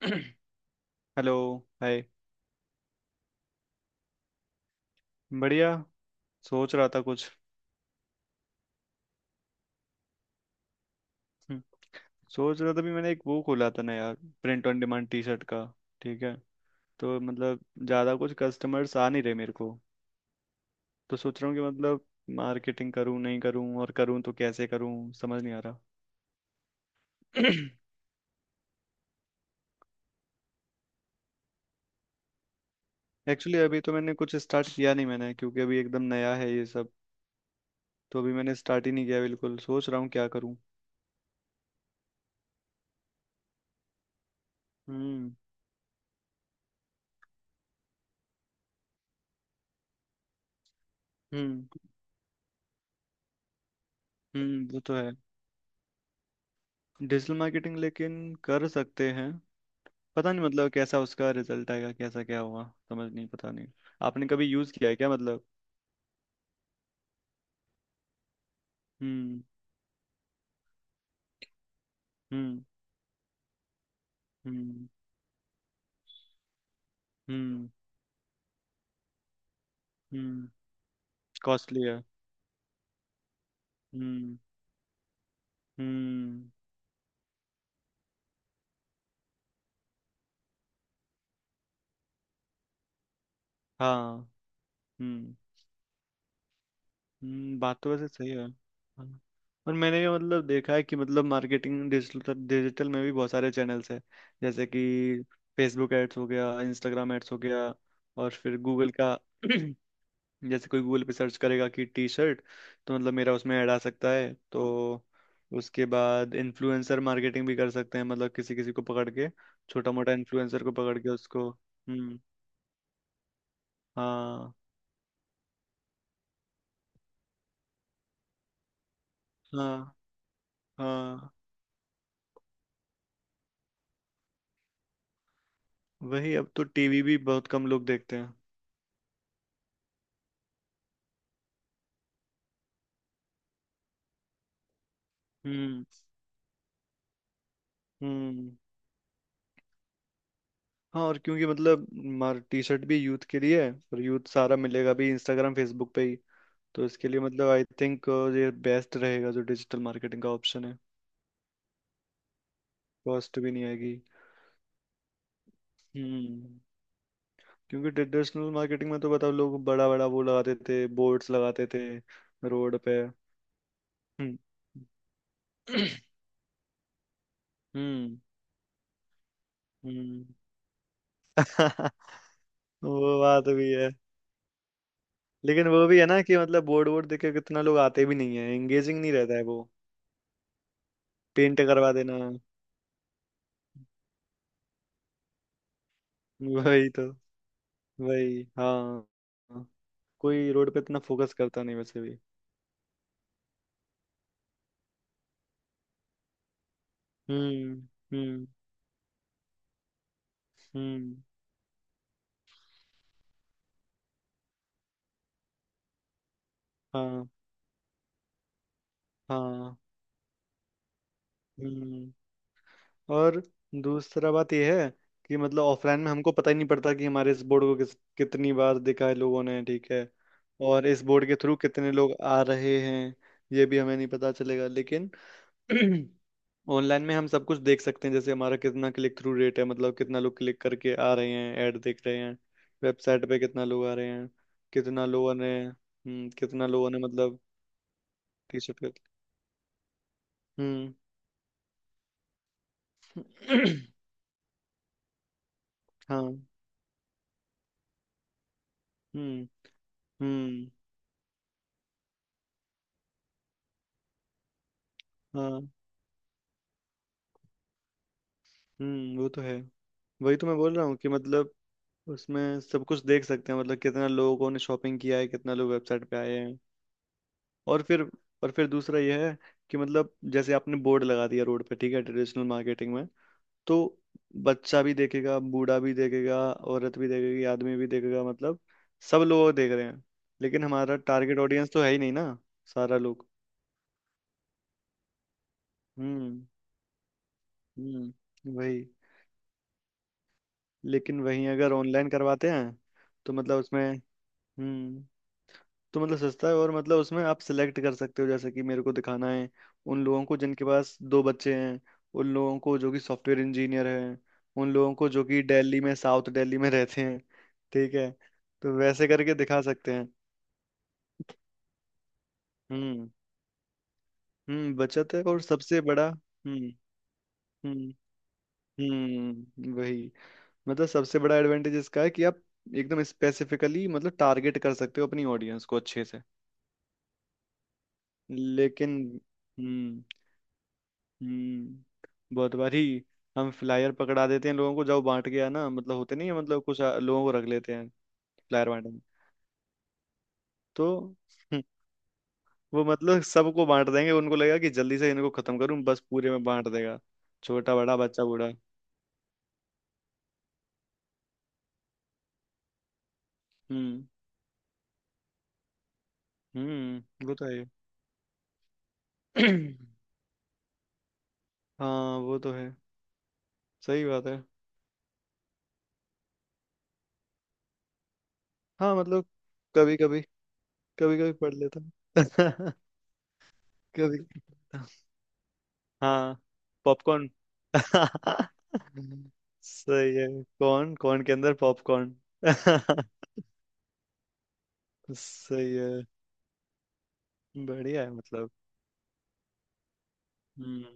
Hello. Hi. बढ़िया। सोच रहा था कुछ। हम्म, सोच रहा था भी मैंने एक वो खोला था ना यार। Print on demand T shirt का। ठीक है। तो मतलब ज़्यादा कुछ कस्टमर्स आ नहीं रहे मेरे को। तो सोच रहा हूँ कि मतलब मार्केटिंग करूँ नहीं करूँ, और करूँ तो कैसे करूँ, समझ नहीं आ रहा। एक्चुअली अभी तो मैंने कुछ स्टार्ट किया नहीं मैंने, क्योंकि अभी एकदम नया है ये सब। तो अभी मैंने स्टार्ट ही नहीं किया बिल्कुल, सोच रहा हूँ क्या करूँ। हम्म। हम्म। हम्म। वो तो है। डिजिटल मार्केटिंग लेकिन कर सकते हैं। पता नहीं मतलब कैसा उसका रिजल्ट आएगा, कैसा क्या हुआ, समझ नहीं, पता नहीं। आपने कभी यूज किया है क्या मतलब? हम्म। हम्म। हम्म। हम्म। हम्म। कॉस्टली है। हम्म। हम्म। हाँ। हम्म। हम्म, बात तो वैसे सही है, हाँ। और मैंने ये मतलब देखा है कि मतलब मार्केटिंग डिजिटल डिजिटल में भी बहुत सारे चैनल्स हैं। जैसे कि फेसबुक एड्स हो गया, इंस्टाग्राम एड्स हो गया, और फिर गूगल का। जैसे कोई गूगल पे सर्च करेगा कि टी शर्ट, तो मतलब मेरा उसमें ऐड आ सकता है। तो उसके बाद इन्फ्लुएंसर मार्केटिंग भी कर सकते हैं, मतलब किसी किसी को पकड़ के, छोटा मोटा इन्फ्लुएंसर को पकड़ के उसको। हम्म। हाँ। हाँ। हाँ। वही, अब तो टीवी भी बहुत कम लोग देखते हैं। हम्म। हम्म। हाँ। और क्योंकि मतलब मार टी शर्ट भी यूथ के लिए है, और यूथ सारा मिलेगा भी इंस्टाग्राम फेसबुक पे ही। तो इसके लिए मतलब आई थिंक ये बेस्ट रहेगा, जो डिजिटल मार्केटिंग का ऑप्शन है। कॉस्ट भी नहीं आएगी। हम्म। क्योंकि ट्रेडिशनल मार्केटिंग में तो बताओ, लोग बड़ा बड़ा वो लगाते थे, बोर्ड्स लगाते थे रोड पे। हम्म। हम्म। हम्म। वो बात भी है। लेकिन वो भी है ना कि मतलब बोर्ड वोर्ड देख के कितना लोग आते भी नहीं है, एंगेजिंग नहीं रहता है वो। पेंट करवा देना। वही तो। वही। हाँ। हाँ। कोई रोड पे इतना फोकस करता नहीं वैसे भी। हम्म। हम्म। हम्म। हाँ। हाँ। हम्म। और दूसरा बात यह है कि मतलब ऑफलाइन में हमको पता ही नहीं पड़ता कि हमारे इस बोर्ड को किस कितनी बार देखा है लोगों ने, ठीक है। और इस बोर्ड के थ्रू कितने लोग आ रहे हैं, ये भी हमें नहीं पता चलेगा। लेकिन ऑनलाइन में हम सब कुछ देख सकते हैं, जैसे हमारा कितना क्लिक थ्रू रेट है, मतलब कितना लोग क्लिक करके आ रहे हैं, ऐड देख रहे हैं, वेबसाइट पे कितना लोग आ रहे हैं, कितना लोगों ने मतलब टी शर्ट। हम्म। हाँ। हम्म। हम्म। हाँ। हम्म, वो तो है। वही तो मैं बोल रहा हूँ कि मतलब उसमें सब कुछ देख सकते हैं, मतलब कितना लोगों ने शॉपिंग किया है, कितना लोग वेबसाइट पे आए हैं। और फिर और फिर दूसरा यह है कि मतलब जैसे आपने बोर्ड लगा दिया रोड पे, ठीक है ट्रेडिशनल मार्केटिंग में। तो बच्चा भी देखेगा, बूढ़ा भी देखेगा, औरत भी देखेगी, आदमी भी देखेगा, मतलब सब लोग देख रहे हैं। लेकिन हमारा टारगेट ऑडियंस तो है ही नहीं ना, सारा लोग। हम्म। हम्म, वही। लेकिन वहीं अगर ऑनलाइन करवाते हैं तो मतलब उसमें हम्म तो मतलब सस्ता है, और मतलब उसमें आप सिलेक्ट कर सकते हो, जैसे कि मेरे को दिखाना है उन लोगों को जिनके पास दो बच्चे हैं, उन लोगों को जो कि सॉफ्टवेयर इंजीनियर हैं, उन लोगों को जो कि दिल्ली में साउथ दिल्ली में रहते हैं, ठीक है। तो वैसे करके दिखा सकते हैं। हम्म। हम्म, बचत है, और सबसे बड़ा। हम्म। हम्म। हम्म, वही, मतलब सबसे बड़ा एडवांटेज इसका है कि आप एकदम स्पेसिफिकली मतलब टारगेट कर सकते हो अपनी ऑडियंस को अच्छे से। लेकिन हम्म। हम्म, बहुत बारी हम फ्लायर पकड़ा देते हैं लोगों को, जब बांट गया ना मतलब होते नहीं है मतलब लोगों को रख लेते हैं फ्लायर बांटने में। तो वो मतलब सबको बांट देंगे, उनको लगेगा कि जल्दी से इनको खत्म करूं, बस पूरे में बांट देगा, छोटा बड़ा बच्चा बूढ़ा। हम्म। हम्म, वो तो है। हाँ वो तो है, सही बात है। हाँ मतलब कभी कभी कभी कभी पढ़ लेता हूँ। कभी। हाँ। पॉपकॉर्न। सही है। कौन कौन के अंदर पॉपकॉर्न। सही है। बढ़िया है मतलब। हम्म।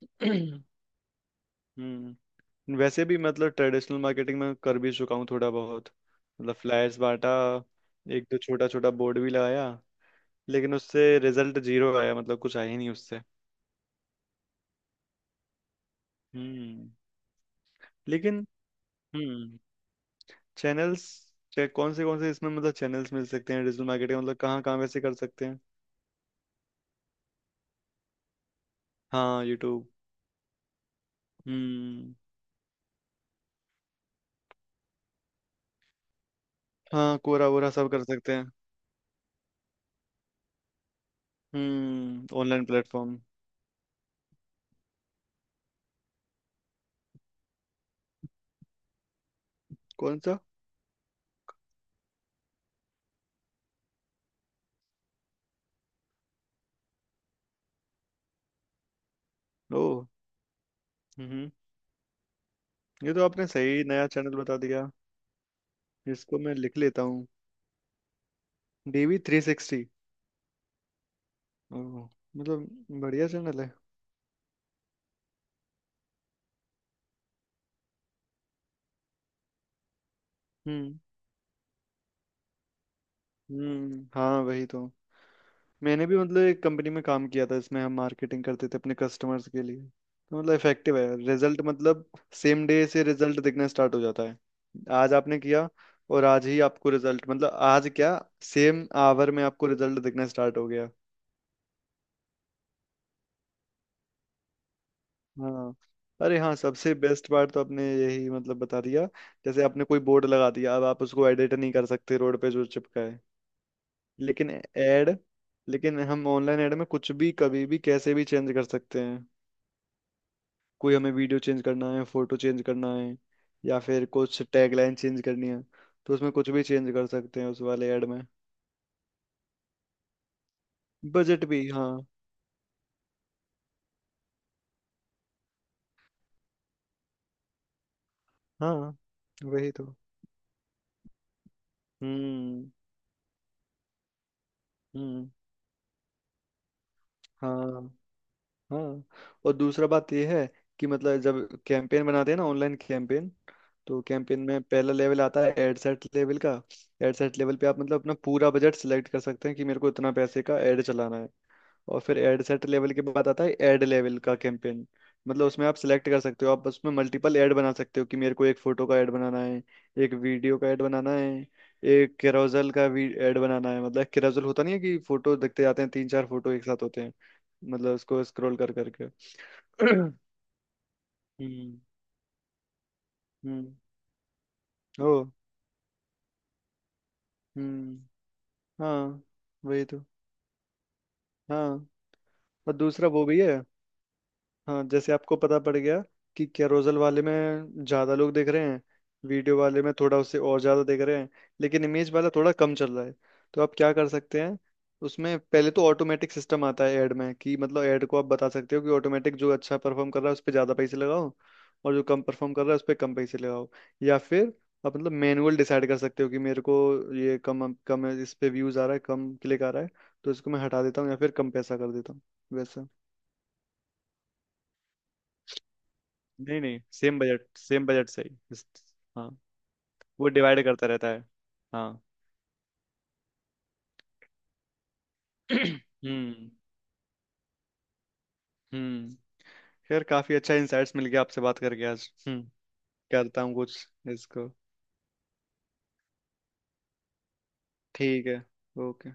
हम्म। वैसे भी मतलब ट्रेडिशनल मार्केटिंग में कर भी चुका हूँ थोड़ा बहुत, मतलब फ्लायर्स बांटा, एक दो छोटा छोटा बोर्ड भी लगाया। लेकिन उससे रिजल्ट जीरो आया, मतलब कुछ आया ही नहीं उससे। हम्म। लेकिन हम्म, चैनल्स कौन से इसमें मतलब चैनल्स मिल सकते हैं डिजिटल मार्केटिंग, मतलब कहाँ कहाँ वैसे कर सकते हैं। हाँ यूट्यूब। हम्म। हाँ कोरा वोरा, सब कर सकते हैं। हम्म। Online platform. कौन सा? ओ। हम्म। ये तो आपने सही नया चैनल बता दिया, इसको मैं लिख लेता हूँ। DV360। ओह, मतलब बढ़िया चैनल है। हम्म। हम्म। हाँ, वही तो। मैंने भी मतलब एक कंपनी में काम किया था, इसमें हम मार्केटिंग करते थे अपने कस्टमर्स के लिए। तो मतलब इफेक्टिव है रिजल्ट, मतलब सेम डे से रिजल्ट दिखना स्टार्ट हो जाता है। आज आपने किया, और आज ही आपको रिजल्ट, मतलब आज क्या, सेम आवर में आपको रिजल्ट दिखना स्टार्ट हो गया। हाँ। अरे हाँ, सबसे बेस्ट पार्ट तो आपने यही मतलब बता दिया। जैसे आपने कोई बोर्ड लगा दिया अब आप उसको एडिट नहीं कर सकते रोड पे जो चिपका है। लेकिन एड लेकिन हम ऑनलाइन एड में कुछ भी कभी भी कैसे भी चेंज कर सकते हैं। कोई हमें वीडियो चेंज करना है, फोटो चेंज करना है, या फिर कुछ टैगलाइन चेंज करनी है, तो उसमें कुछ भी चेंज कर सकते हैं उस वाले ऐड में। बजट भी। हाँ। हाँ वही तो। हम्म। हम्म। हाँ। हाँ। और दूसरा बात यह है कि मतलब जब कैंपेन बनाते हैं ना ऑनलाइन कैंपेन, तो कैंपेन में पहला लेवल आता है एड सेट लेवल का। एड सेट लेवल पे आप मतलब अपना पूरा बजट सिलेक्ट कर सकते हैं कि मेरे को इतना पैसे का एड चलाना है। और फिर एड सेट लेवल के बाद आता है एड लेवल का कैंपेन। मतलब उसमें आप सिलेक्ट कर सकते हो, आप उसमें मल्टीपल ऐड बना सकते हो, कि मेरे को एक फोटो का ऐड बनाना है, एक वीडियो का ऐड बनाना है, एक कैरोसेल का भी ऐड बनाना है। मतलब कैरोसेल होता नहीं है, कि फोटो देखते जाते हैं, तीन चार फोटो एक साथ होते हैं, मतलब उसको स्क्रॉल कर करके। हम्म। हम्म। ओ। हम्म। हाँ वही तो। हाँ। और दूसरा वो भी है। हाँ, जैसे आपको पता पड़ गया कि कैरोसेल वाले में ज्यादा लोग देख रहे हैं, वीडियो वाले में थोड़ा उससे और ज्यादा देख रहे हैं, लेकिन इमेज वाला थोड़ा कम चल रहा है। तो आप क्या कर सकते हैं, उसमें पहले तो ऑटोमेटिक सिस्टम आता है ऐड में, कि मतलब ऐड को आप बता सकते हो कि ऑटोमेटिक जो अच्छा परफॉर्म कर रहा है उस पर ज्यादा पैसे लगाओ, और जो कम परफॉर्म कर रहा है उस पर कम पैसे लगाओ। या फिर आप मतलब मैनुअल डिसाइड कर सकते हो कि मेरे को ये कम कम है, इस पे व्यूज आ रहा है कम, क्लिक आ रहा है, तो इसको मैं हटा देता हूँ या फिर कम पैसा कर देता हूँ। नहीं नहीं, सेम बजट से ही इस-। हाँ। वो डिवाइड करता रहता है। हाँ। हम्म। हम्म। खैर काफी अच्छा इंसाइट्स मिल गया आपसे बात करके आज। हम्म। करता हूँ कुछ इसको। ठीक है। ओके।